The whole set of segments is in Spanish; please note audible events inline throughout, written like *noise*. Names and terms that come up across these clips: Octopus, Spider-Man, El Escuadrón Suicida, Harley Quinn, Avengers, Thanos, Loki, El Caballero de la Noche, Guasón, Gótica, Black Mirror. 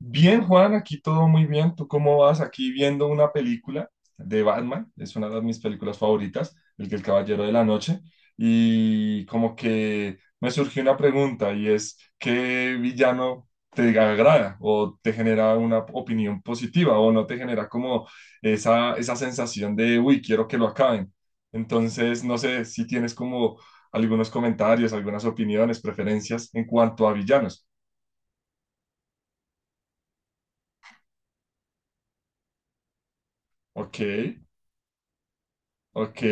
Bien, Juan, aquí todo muy bien. ¿Tú cómo vas? Aquí viendo una película de Batman, es una de mis películas favoritas, el que El Caballero de la Noche, y como que me surgió una pregunta y es, ¿qué villano te agrada o te genera una opinión positiva o no te genera como esa sensación de, uy, quiero que lo acaben? Entonces, no sé si tienes como algunos comentarios, algunas opiniones, preferencias en cuanto a villanos. Ok, ok.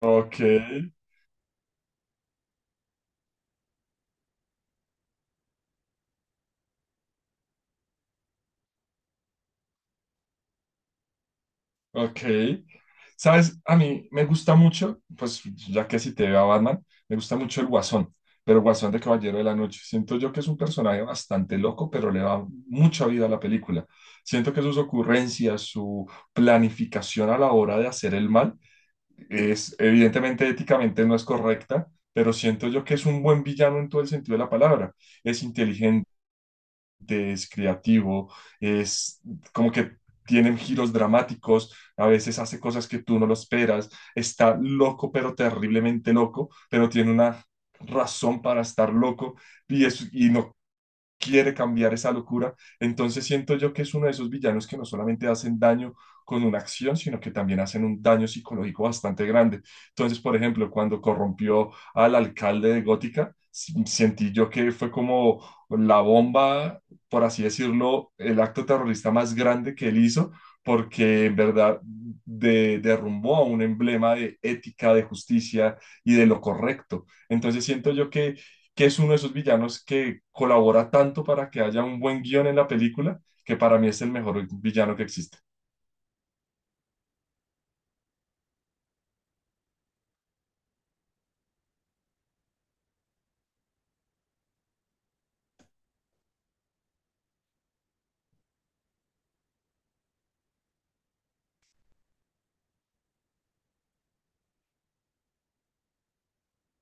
Ok, ok. Sabes, a mí me gusta mucho, pues ya que si te veo a Batman, me gusta mucho el Guasón, pero el Guasón de Caballero de la Noche. Siento yo que es un personaje bastante loco, pero le da mucha vida a la película. Siento que sus ocurrencias, su planificación a la hora de hacer el mal, es evidentemente éticamente no es correcta, pero siento yo que es un buen villano en todo el sentido de la palabra. Es inteligente, es creativo, es como que tienen giros dramáticos, a veces hace cosas que tú no lo esperas, está loco pero terriblemente loco, pero tiene una razón para estar loco y, y no quiere cambiar esa locura. Entonces siento yo que es uno de esos villanos que no solamente hacen daño con una acción, sino que también hacen un daño psicológico bastante grande. Entonces, por ejemplo, cuando corrompió al alcalde de Gótica, sentí yo que fue como la bomba, por así decirlo, el acto terrorista más grande que él hizo, porque en verdad derrumbó a un emblema de ética, de justicia y de lo correcto. Entonces siento yo que es uno de esos villanos que colabora tanto para que haya un buen guión en la película, que para mí es el mejor villano que existe.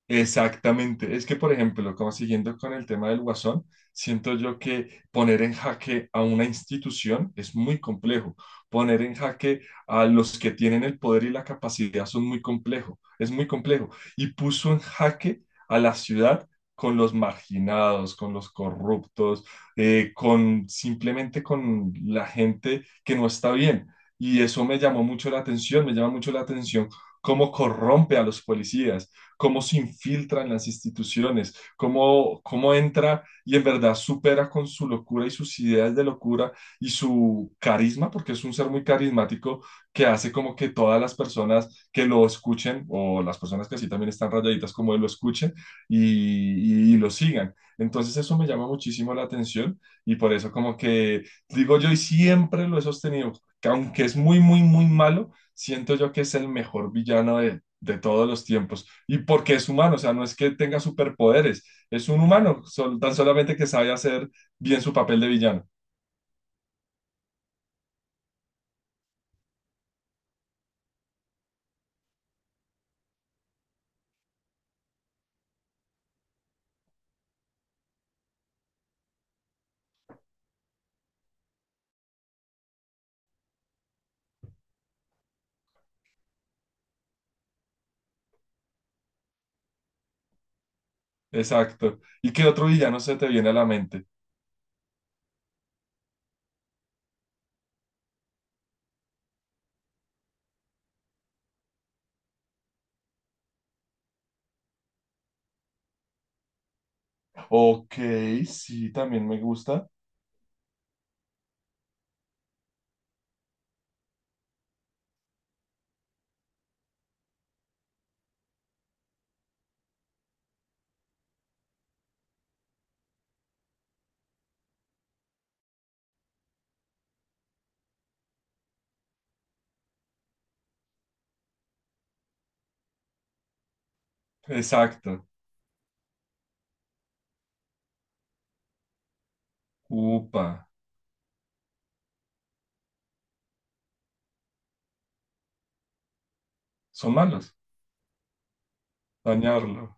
Exactamente. Es que, por ejemplo, como siguiendo con el tema del Guasón, siento yo que poner en jaque a una institución es muy complejo. Poner en jaque a los que tienen el poder y la capacidad son muy complejo. Es muy complejo. Y puso en jaque a la ciudad con los marginados, con los corruptos, con simplemente con la gente que no está bien. Y eso me llamó mucho la atención, me llama mucho la atención cómo corrompe a los policías, cómo, se infiltra en las instituciones, cómo entra y en verdad supera con su locura y sus ideas de locura y su carisma, porque es un ser muy carismático que hace como que todas las personas que lo escuchen o las personas que así también están rayaditas como él lo escuchen y lo sigan. Entonces eso me llama muchísimo la atención y por eso como que digo yo y siempre lo he sostenido, que aunque es muy, muy, muy malo, siento yo que es el mejor villano de todos los tiempos. Y porque es humano, o sea, no es que tenga superpoderes, es un humano, tan solamente que sabe hacer bien su papel de villano. Exacto. ¿Y qué otro villano se te viene a la mente? Ok, sí, también me gusta. Exacto. Upa, son malos, dañarlo.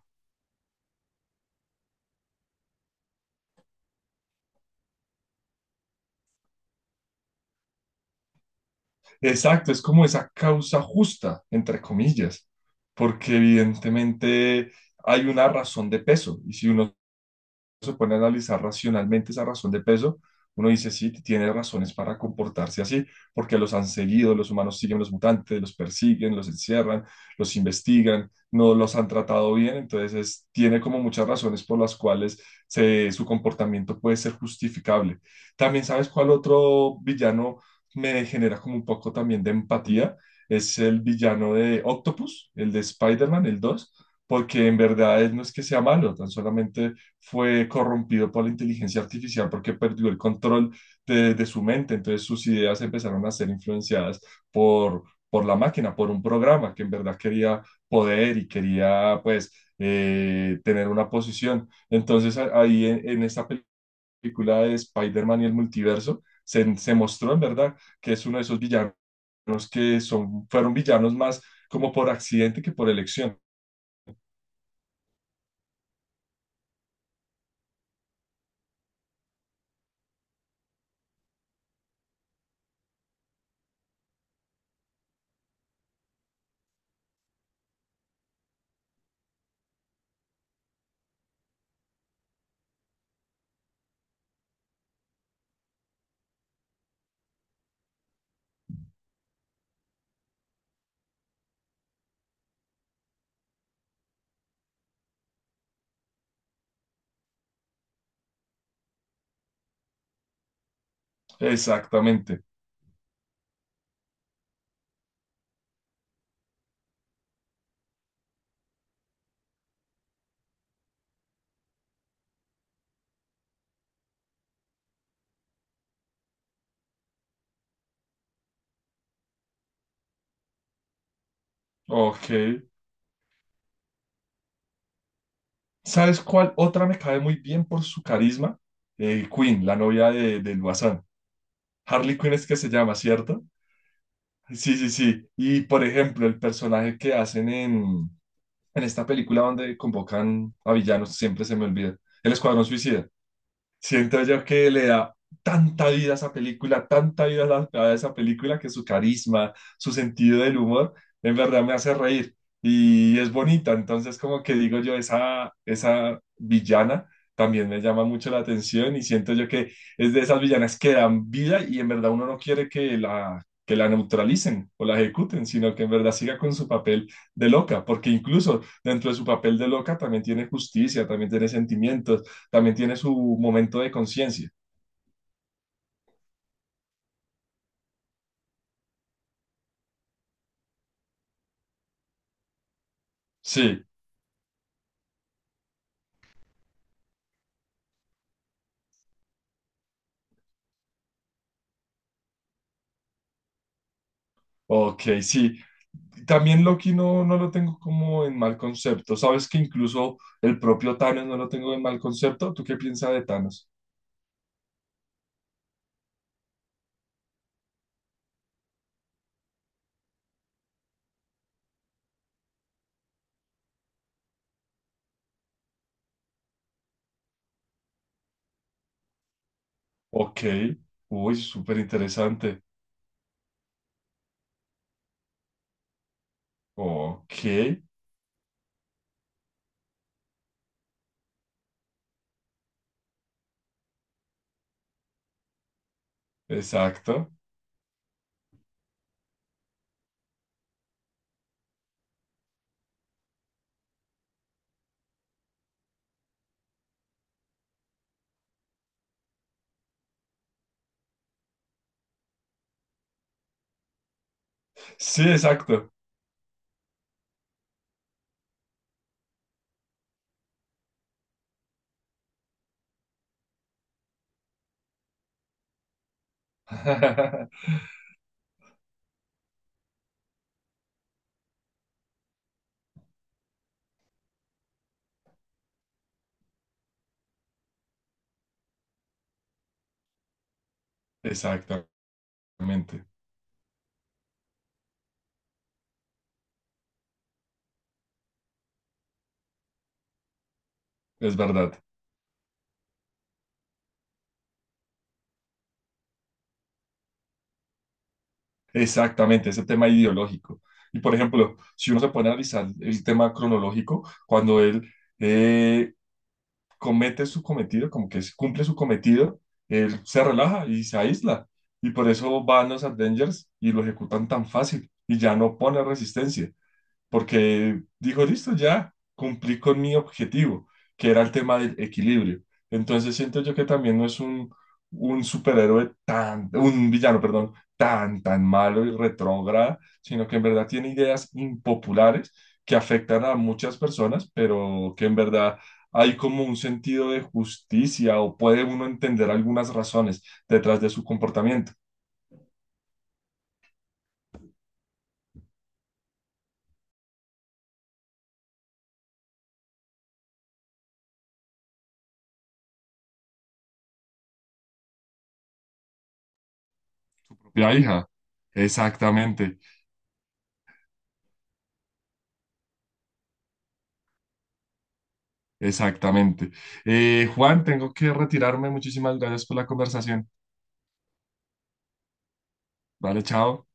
Exacto, es como esa causa justa, entre comillas, porque evidentemente hay una razón de peso, y si uno se pone a analizar racionalmente esa razón de peso, uno dice, sí, tiene razones para comportarse así, porque los han seguido, los humanos siguen los mutantes, los persiguen, los encierran, los investigan, no los han tratado bien, entonces tiene como muchas razones por las cuales su comportamiento puede ser justificable. También, ¿sabes cuál otro villano me genera como un poco también de empatía? Es el villano de Octopus, el de Spider-Man, el 2, porque en verdad él no es que sea malo, tan solamente fue corrompido por la inteligencia artificial porque perdió el control de su mente. Entonces sus ideas empezaron a ser influenciadas por, por, la máquina, por un programa que en verdad quería poder y quería pues tener una posición. Entonces ahí en esta película de Spider-Man y el multiverso se mostró en verdad que es uno de esos villanos que son, fueron villanos más como por accidente que por elección. Exactamente. Ok. ¿Sabes cuál otra me cae muy bien por su carisma? Queen, la novia del Guasán. Harley Quinn es que se llama, ¿cierto? Sí, sí, sí. Y por ejemplo, el personaje que hacen en esta película donde convocan a villanos, siempre se me olvida. El Escuadrón Suicida. Siento yo que le da tanta vida a esa película, tanta vida a, a esa película que su carisma, su sentido del humor, en verdad me hace reír y es bonita. Entonces, como que digo yo, esa villana también me llama mucho la atención y siento yo que es de esas villanas que dan vida y en verdad uno no quiere que la neutralicen o la ejecuten, sino que en verdad siga con su papel de loca, porque incluso dentro de su papel de loca también tiene justicia, también tiene sentimientos, también tiene su momento de conciencia. Sí, ok, sí. También Loki no, no lo tengo como en mal concepto. Sabes que incluso el propio Thanos no lo tengo en mal concepto. ¿Tú qué piensas de Thanos? Ok, uy, súper interesante. Ok, exacto. Sí, exacto. *laughs* Exactamente, es verdad. Exactamente, ese tema ideológico. Y por ejemplo, si uno se pone a analizar el tema cronológico, cuando él eh, comete su cometido, como que cumple su cometido, él se relaja y se aísla. Y por eso van los Avengers y lo ejecutan tan fácil y ya no pone resistencia porque dijo, listo, ya cumplí con mi objetivo, que era el tema del equilibrio. Entonces siento yo que también no es un, un villano, perdón, tan, tan malo y retrógrada, sino que en verdad tiene ideas impopulares que afectan a muchas personas, pero que en verdad hay como un sentido de justicia o puede uno entender algunas razones detrás de su comportamiento. Propia hija. Exactamente. Exactamente. Juan, tengo que retirarme. Muchísimas gracias por la conversación. Vale, chao.